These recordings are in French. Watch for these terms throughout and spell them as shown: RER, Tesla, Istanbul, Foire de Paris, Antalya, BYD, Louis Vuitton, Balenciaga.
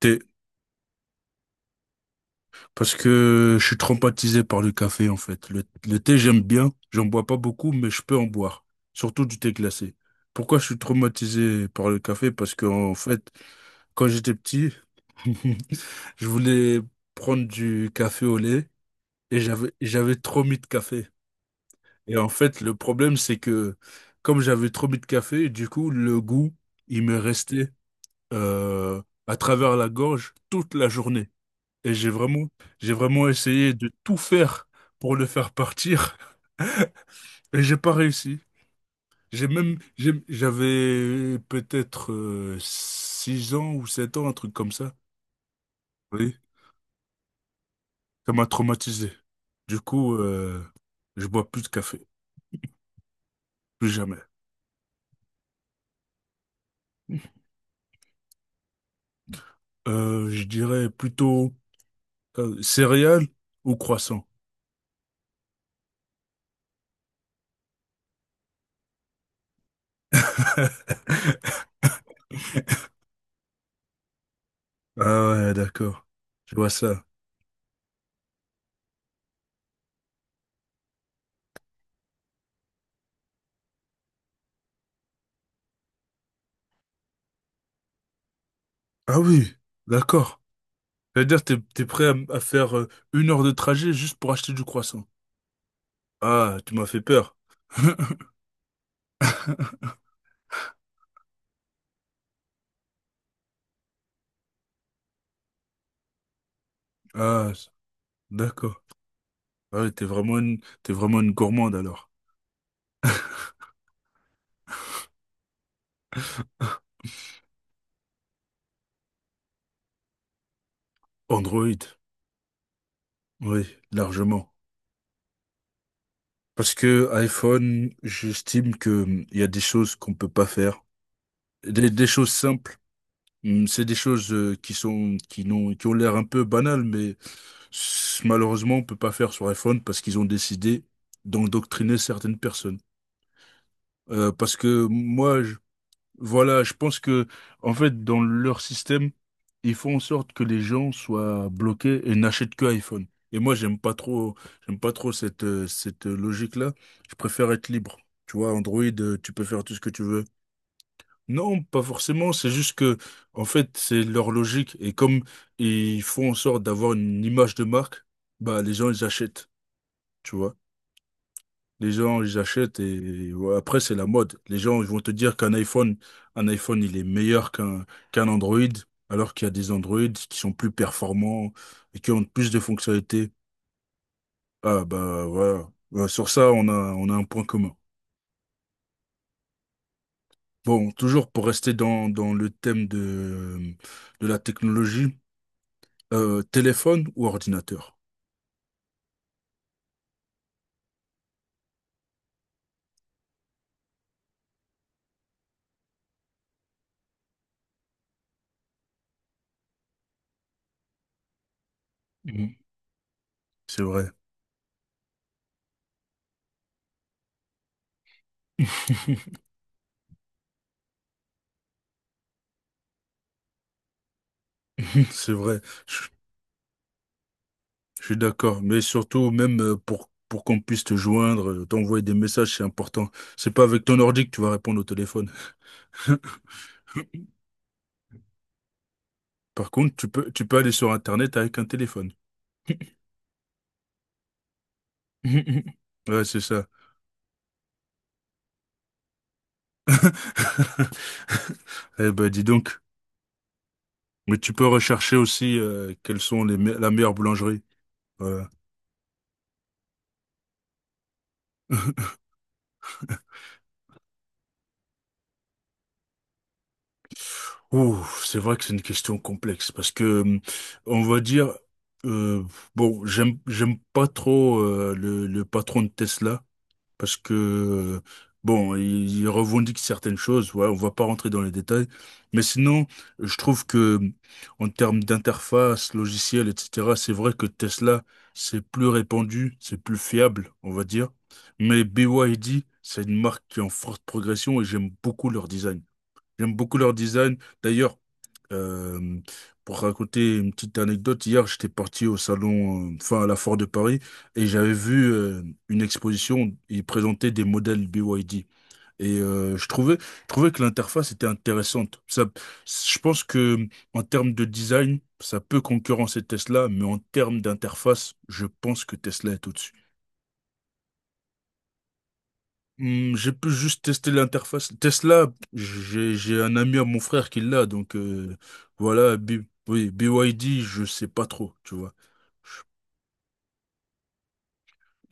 Thé, parce que je suis traumatisé par le café en fait. Le thé, j'aime bien, j'en bois pas beaucoup, mais je peux en boire, surtout du thé glacé. Pourquoi je suis traumatisé par le café? Parce que en fait, quand j'étais petit, je voulais prendre du café au lait et j'avais trop mis de café. Et en fait, le problème, c'est que comme j'avais trop mis de café, du coup, le goût, il me restait euh, à travers la gorge toute la journée. Et j'ai vraiment essayé de tout faire pour le faire partir et j'ai pas réussi. J'avais peut-être 6 ans ou 7 ans, un truc comme ça. Oui, ça m'a traumatisé. Du coup, je bois plus de café, plus jamais. Je dirais plutôt céréales ou croissants. Ah ouais, d'accord. Je vois ça. Ah oui, d'accord. C'est-à-dire, t'es prêt à faire 1 heure de trajet juste pour acheter du croissant. Ah, tu m'as fait peur. Ah, c- d'accord. Ah, ouais, t'es vraiment une gourmande alors. Android, oui, largement. Parce que iPhone, j'estime que il y a des choses qu'on peut pas faire, des choses simples. C'est des choses qui sont, qui n'ont, qui ont l'air un peu banales, mais malheureusement, on peut pas faire sur iPhone parce qu'ils ont décidé d'endoctriner certaines personnes. Euh, parce que moi, Voilà, en fait, dans leur système, ils font en sorte que les gens soient bloqués et n'achètent que iPhone. Et moi, j'aime pas trop cette, logique-là. Je préfère être libre. Tu vois, Android, tu peux faire tout ce que tu veux. Non, pas forcément. En fait, c'est leur logique. Et comme ils font en sorte d'avoir une image de marque, bah, les gens, ils achètent. Tu vois. Les gens, ils achètent et ouais, après, c'est la mode. Les gens, ils vont te dire un iPhone, il est meilleur qu'un Android, alors qu'il y a des Android qui sont plus performants et qui ont plus de fonctionnalités. Ah, bah, voilà. Ouais, sur ça, on a un point commun. Bon, toujours pour rester dans le thème de la technologie. Téléphone ou ordinateur? Mhm. C'est vrai. C'est vrai, je, je suis d'accord. Mais surtout, même pour qu'on puisse te joindre, t'envoyer des messages, c'est important. C'est pas avec ton ordi que tu vas répondre au téléphone. Par contre, tu peux aller sur Internet avec un téléphone. Ouais, c'est ça. Eh ben, dis donc. Mais tu peux rechercher aussi quelles sont les me- la meilleure boulangerie. Voilà. Ouh, c'est vrai que c'est une question complexe parce que on va dire euh, bon, j'aime pas trop le patron de Tesla parce que, bon, ils il revendique certaines choses, ouais, on va pas rentrer dans les détails, mais sinon, je trouve que, en termes d'interface, logiciel, etc., c'est vrai que Tesla, c'est plus répandu, c'est plus fiable, on va dire, mais BYD, c'est une marque qui est en forte progression et j'aime beaucoup leur design. J'aime beaucoup leur design. D'ailleurs, euh, pour raconter une petite anecdote, hier, j'étais parti au salon, enfin à la Foire de Paris, et j'avais vu une exposition, ils présentaient des modèles BYD. Et je trouvais que l'interface était intéressante. Ça, je pense que en termes de design, ça peut concurrencer Tesla, mais en termes d'interface, je pense que Tesla est au-dessus. Hmm, j'ai pu juste tester l'interface. Tesla, j'ai un ami à mon frère qui l'a, donc voilà, BYD, je sais pas trop, tu vois.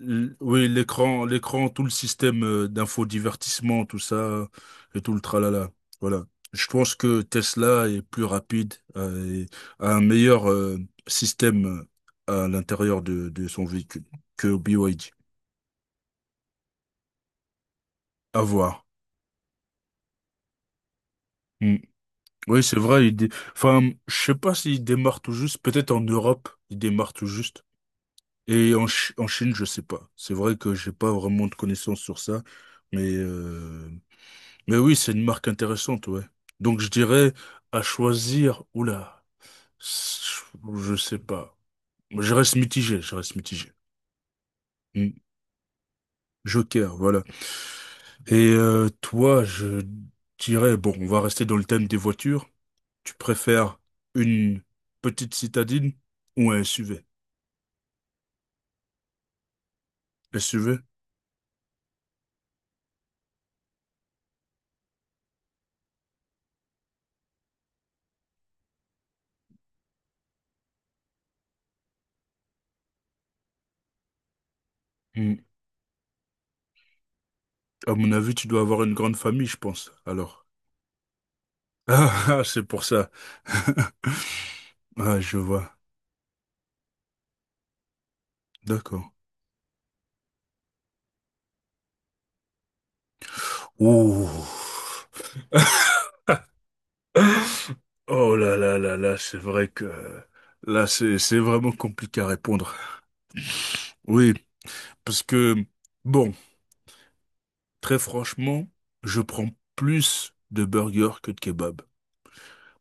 L'écran, tout le système d'infodivertissement, tout ça, et tout le tralala. Voilà. Je pense que Tesla est plus rapide et a un meilleur système à l'intérieur de son véhicule que BYD. À voir. Hmm. Oui, c'est vrai. Enfin, je sais pas s'il démarre tout juste. Peut-être en Europe, il démarre tout juste. En Chine, je sais pas. C'est vrai que j'ai pas vraiment de connaissances sur ça. Mais, euh, mais oui, c'est une marque intéressante, ouais. Donc, je dirais à choisir. Oula, je sais pas. Je reste mitigé. Hmm. Joker, voilà. Et toi, je dirais, bon, on va rester dans le thème des voitures. Tu préfères une petite citadine ou un SUV? Qu'est-ce que tu veux? Hmm. À mon avis, tu dois avoir une grande famille, je pense. Alors. Ah, ah, c'est pour ça. Ah, je vois. D'accord. Ouh. Oh là là là là, c'est vrai que là, c'est vraiment compliqué à répondre. Oui, parce que, bon, très franchement, je prends plus de burgers que de kebab.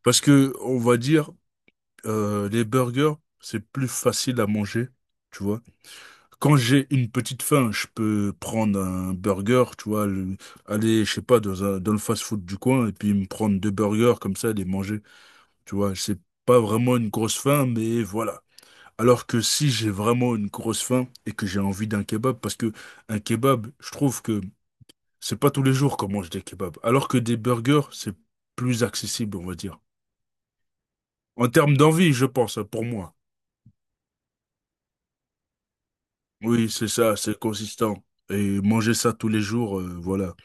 Parce que, on va dire, les burgers, c'est plus facile à manger, tu vois. Quand j'ai une petite faim, je peux prendre un burger, tu vois, aller, je sais pas, dans le fast-food du coin et puis me prendre 2 burgers comme ça, les manger. Tu vois, c'est pas vraiment une grosse faim, mais voilà. Alors que si j'ai vraiment une grosse faim et que j'ai envie d'un kebab, parce que un kebab, je trouve que c'est pas tous les jours qu'on mange des kebabs, alors que des burgers, c'est plus accessible, on va dire. En termes d'envie, je pense, pour moi. Oui, c'est ça, c'est consistant. Et manger ça tous les jours, voilà.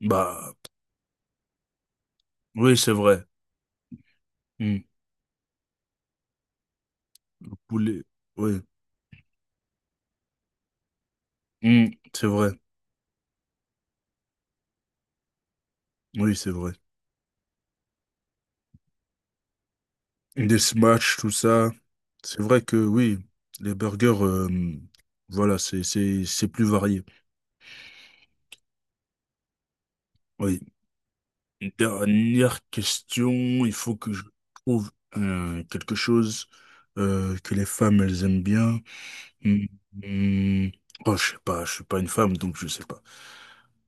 Bah. Oui, c'est vrai. Mm. Le poulet. Oui, hmm, c'est vrai. Oui, c'est vrai. Des smash, tout ça. C'est vrai que oui, les burgers, voilà, c'est plus varié. Oui. Une dernière question. Il faut que je trouve quelque chose que les femmes, elles aiment bien. Hmm, hmm. Oh, je sais pas, je suis pas une femme, donc je sais pas.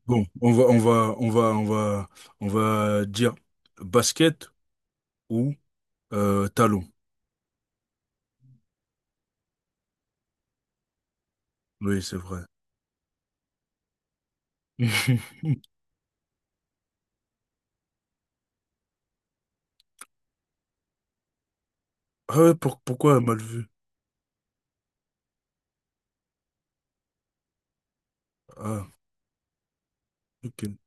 Bon, on va dire basket ou talon. Oui, c'est vrai. Ah ouais, pourquoi mal vu? Ah, ok.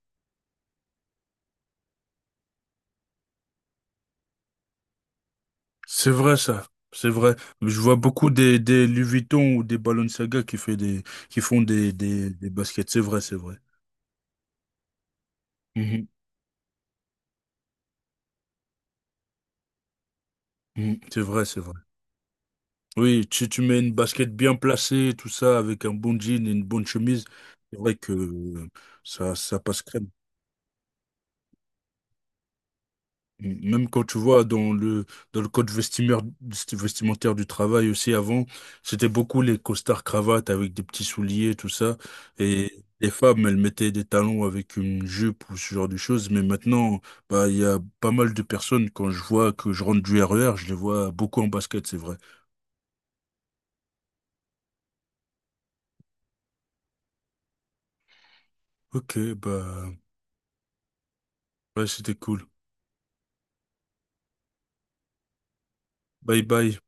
C'est vrai ça, c'est vrai. Je vois beaucoup des Louis Vuitton ou des Balenciaga qui font des baskets. C'est vrai, c'est vrai. Mhm, mhm. C'est vrai, c'est vrai. Oui, si tu mets une basket bien placée, tout ça, avec un bon jean et une bonne chemise, c'est vrai que ça passe crème. Même quand tu vois dans le code vestimentaire du travail aussi avant, c'était beaucoup les costards cravates avec des petits souliers, tout ça. Mhm. Et les femmes, elles mettaient des talons avec une jupe ou ce genre de choses. Mais maintenant, bah, il y a pas mal de personnes, quand je vois que je rentre du RER, je les vois beaucoup en basket, c'est vrai. Ok, bah, ouais, c'était cool. Bye bye.